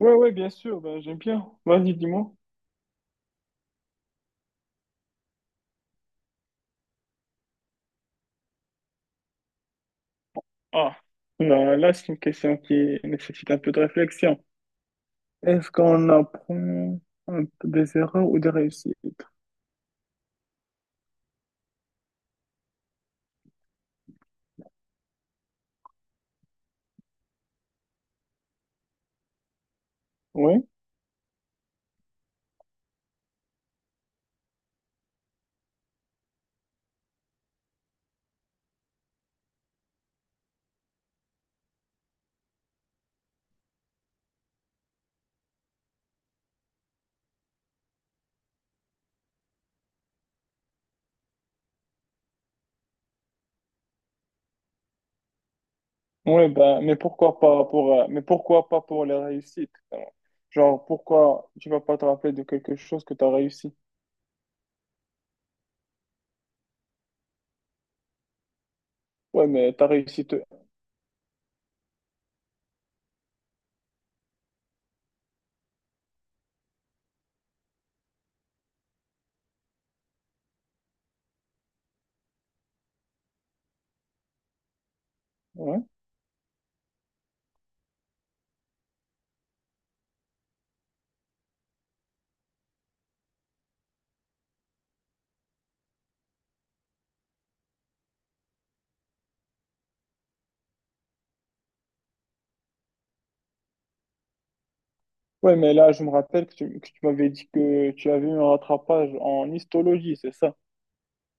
Ouais, ouais, bien sûr, ben, j'aime bien. Vas-y, dis-moi. Ah, là, là, c'est une question qui nécessite un peu de réflexion. Est-ce qu'on apprend un peu des erreurs ou des réussites? Oui, oui ben, mais pourquoi pas pour, mais pourquoi pas pour les réussites? Genre, pourquoi tu vas pas te rappeler de quelque chose que tu as réussi? Ouais, mais t'as réussi. Ouais. Ouais, mais là, je me rappelle que tu m'avais dit que tu avais eu un rattrapage en histologie, c'est ça?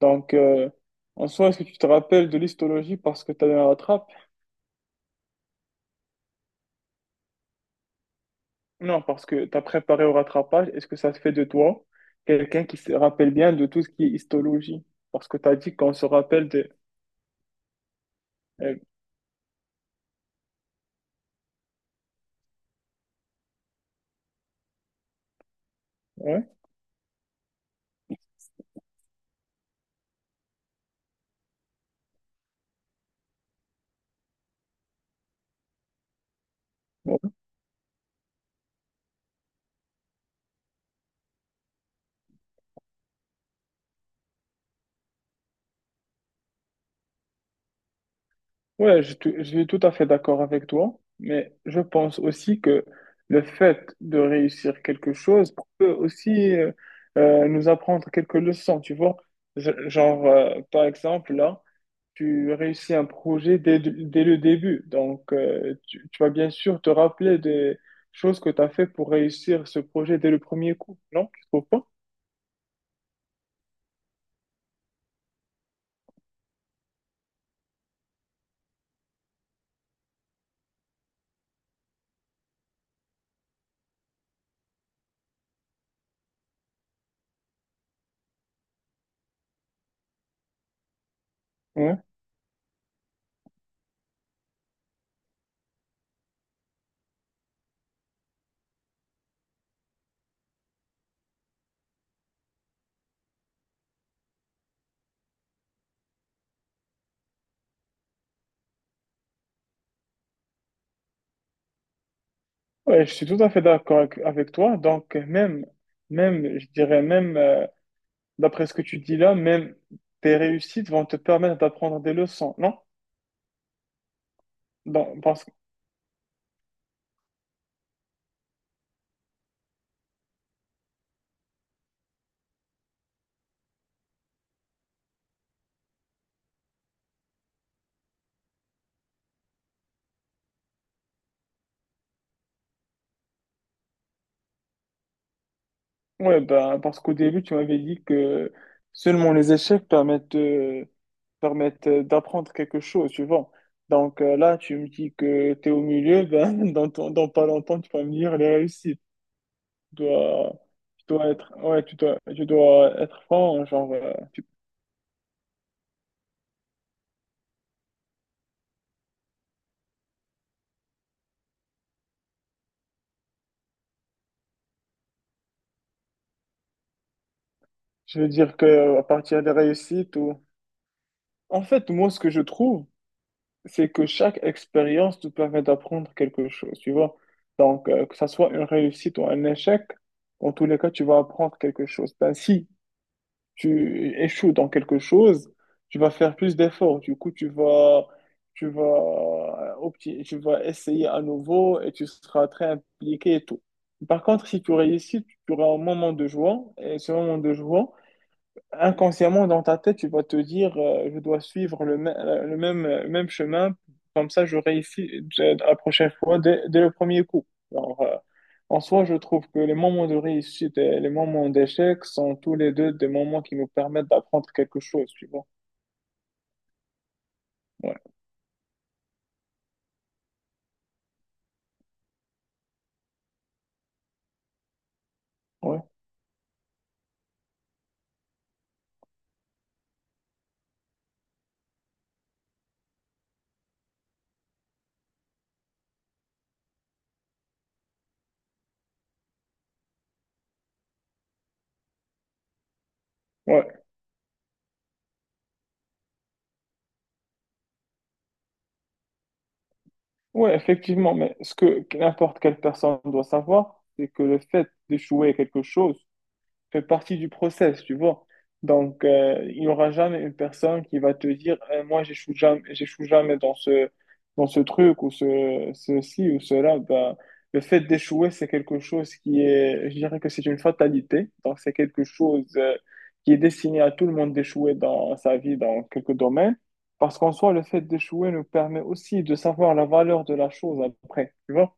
Donc, en soi, est-ce que tu te rappelles de l'histologie parce que tu as eu un rattrape? Non, parce que tu as préparé au rattrapage. Est-ce que ça se fait de toi quelqu'un qui se rappelle bien de tout ce qui est histologie? Parce que tu as dit qu'on se rappelle de... Euh, ouais, ouais. Ouais, je, je suis tout à fait d'accord avec toi, mais je pense aussi que le fait de réussir quelque chose peut aussi nous apprendre quelques leçons, tu vois. Genre, par exemple, là, tu réussis un projet dès, dès le début. Donc, tu, tu vas bien sûr te rappeler des choses que tu as fait pour réussir ce projet dès le premier coup, non? Tu trouves pas? Ouais. Ouais, je suis tout à fait d'accord avec, avec toi. Donc, même, même, je dirais même, d'après ce que tu dis là, même tes réussites vont te permettre d'apprendre des leçons, non? Dans- parce, ouais, ben, parce qu'au début, tu m'avais dit que seulement les échecs permettent de permettent d'apprendre quelque chose, tu vois. Donc là, tu me dis que tu es au milieu, ben, dans, dans pas longtemps, tu vas me dire les réussites. Tu dois, tu dois être, ouais, tu dois être franc, genre, je veux dire que à partir des réussites, ou... En fait, moi, ce que je trouve, c'est que chaque expérience te permet d'apprendre quelque chose, tu vois. Donc, que ça soit une réussite ou un échec, en tous les cas, tu vas apprendre quelque chose. Ben, si tu échoues dans quelque chose, tu vas faire plus d'efforts. Du coup, tu vas, tu vas, tu vas essayer à nouveau et tu seras très impliqué et tout. Par contre, si tu réussis, tu auras un moment de joie et ce moment de joie, inconsciemment dans ta tête, tu vas te dire, je dois suivre le, le même, même chemin, comme ça je réussis la prochaine fois dès, dès le premier coup. Alors, en soi, je trouve que les moments de réussite et les moments d'échec sont tous les deux des moments qui nous permettent d'apprendre quelque chose, tu vois. Ouais, ouais, ouais, ouais, effectivement, mais ce que n'importe quelle personne doit savoir, c'est que le fait d'échouer à quelque chose, fait partie du process, tu vois. Donc, il n'y aura jamais une personne qui va te dire, eh, moi, j'échoue jamais dans ce, dans ce truc ou ce, ceci ou cela. Bah, le fait d'échouer, c'est quelque chose qui est, je dirais que c'est une fatalité. Donc, c'est quelque chose qui est destiné à tout le monde d'échouer dans sa vie, dans quelques domaines. Parce qu'en soi, le fait d'échouer nous permet aussi de savoir la valeur de la chose après, tu vois.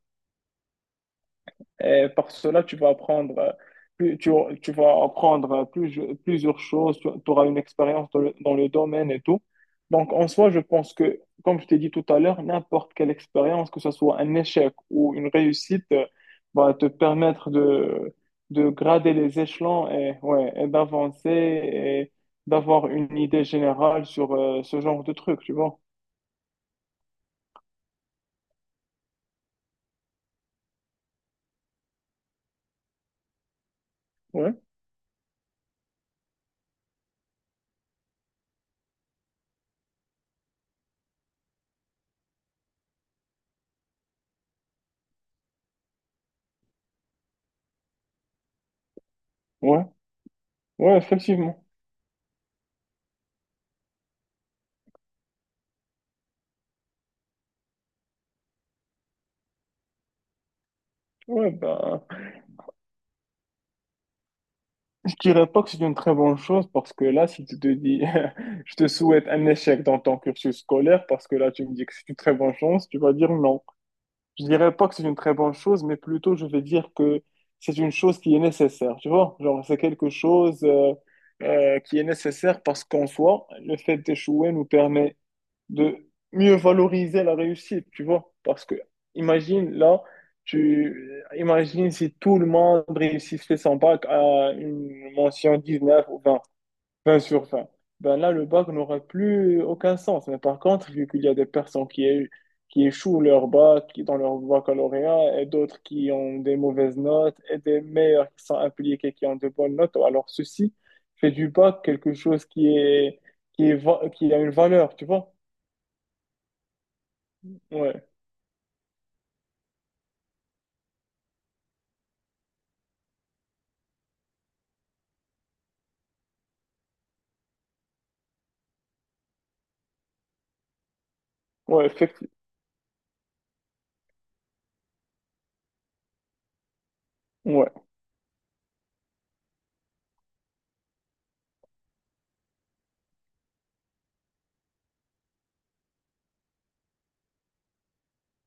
Et par cela, tu vas apprendre, plus- tu, tu vas apprendre plusieurs choses, tu auras une expérience dans le domaine et tout. Donc, en soi, je pense que, comme je t'ai dit tout à l'heure, n'importe quelle expérience, que ce soit un échec ou une réussite, va te permettre de grader les échelons et, ouais, et d'avancer et d'avoir une idée générale sur ce genre de truc, tu vois. Ouais, ouais, ouais, effectivement. Ouais, ben. Je dirais pas que c'est une très bonne chose parce que là, si tu te dis, je te souhaite un échec dans ton cursus scolaire parce que là, tu me dis que c'est une très bonne chance, tu vas dire non. Je dirais pas que c'est une très bonne chose, mais plutôt je vais dire que c'est une chose qui est nécessaire, tu vois? Genre, c'est quelque chose qui est nécessaire parce qu'en soi, le fait d'échouer nous permet de mieux valoriser la réussite, tu vois. Parce que, imagine, là, tu, imagine si tout le monde réussissait son bac à une mention 19 ou 20 sur 20, ben là, le bac n'aurait plus aucun sens. Mais par contre, vu qu'il y a des personnes qui, qui échouent leur bac, qui dans leur baccalauréat, et d'autres qui ont des mauvaises notes, et des meilleurs qui sont impliqués, qui ont de bonnes notes, alors ceci fait du bac quelque chose qui est, qui est, qui a une valeur, tu vois. Ouais. Ouais, ouais,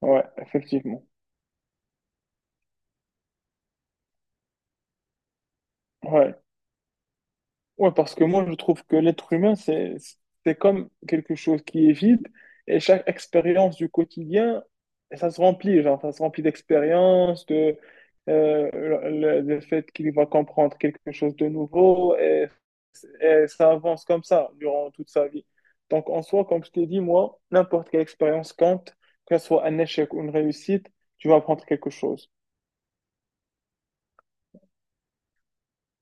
ouais, effectivement. Ouais. Ouais, parce que moi, je trouve que l'être humain, c'est comme quelque chose qui est vide et chaque expérience du quotidien, ça se remplit, genre, ça se remplit d'expériences, de, euh, le fait qu'il va comprendre quelque chose de nouveau et ça avance comme ça durant toute sa vie. Donc, en soi, comme je t'ai dit, moi, n'importe quelle expérience compte, que ce soit un échec ou une réussite, tu vas apprendre quelque chose.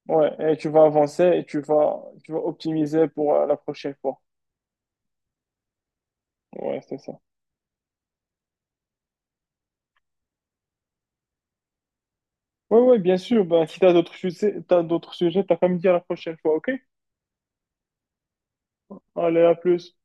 Ouais, et tu vas avancer et tu vas optimiser pour la prochaine fois. Ouais, c'est ça. Ouais, ouais, bien sûr. Ben, si t'as d'autres sujets, t'as d'autres sujets, t'as qu'à me dire la prochaine fois, ok? Allez, à plus.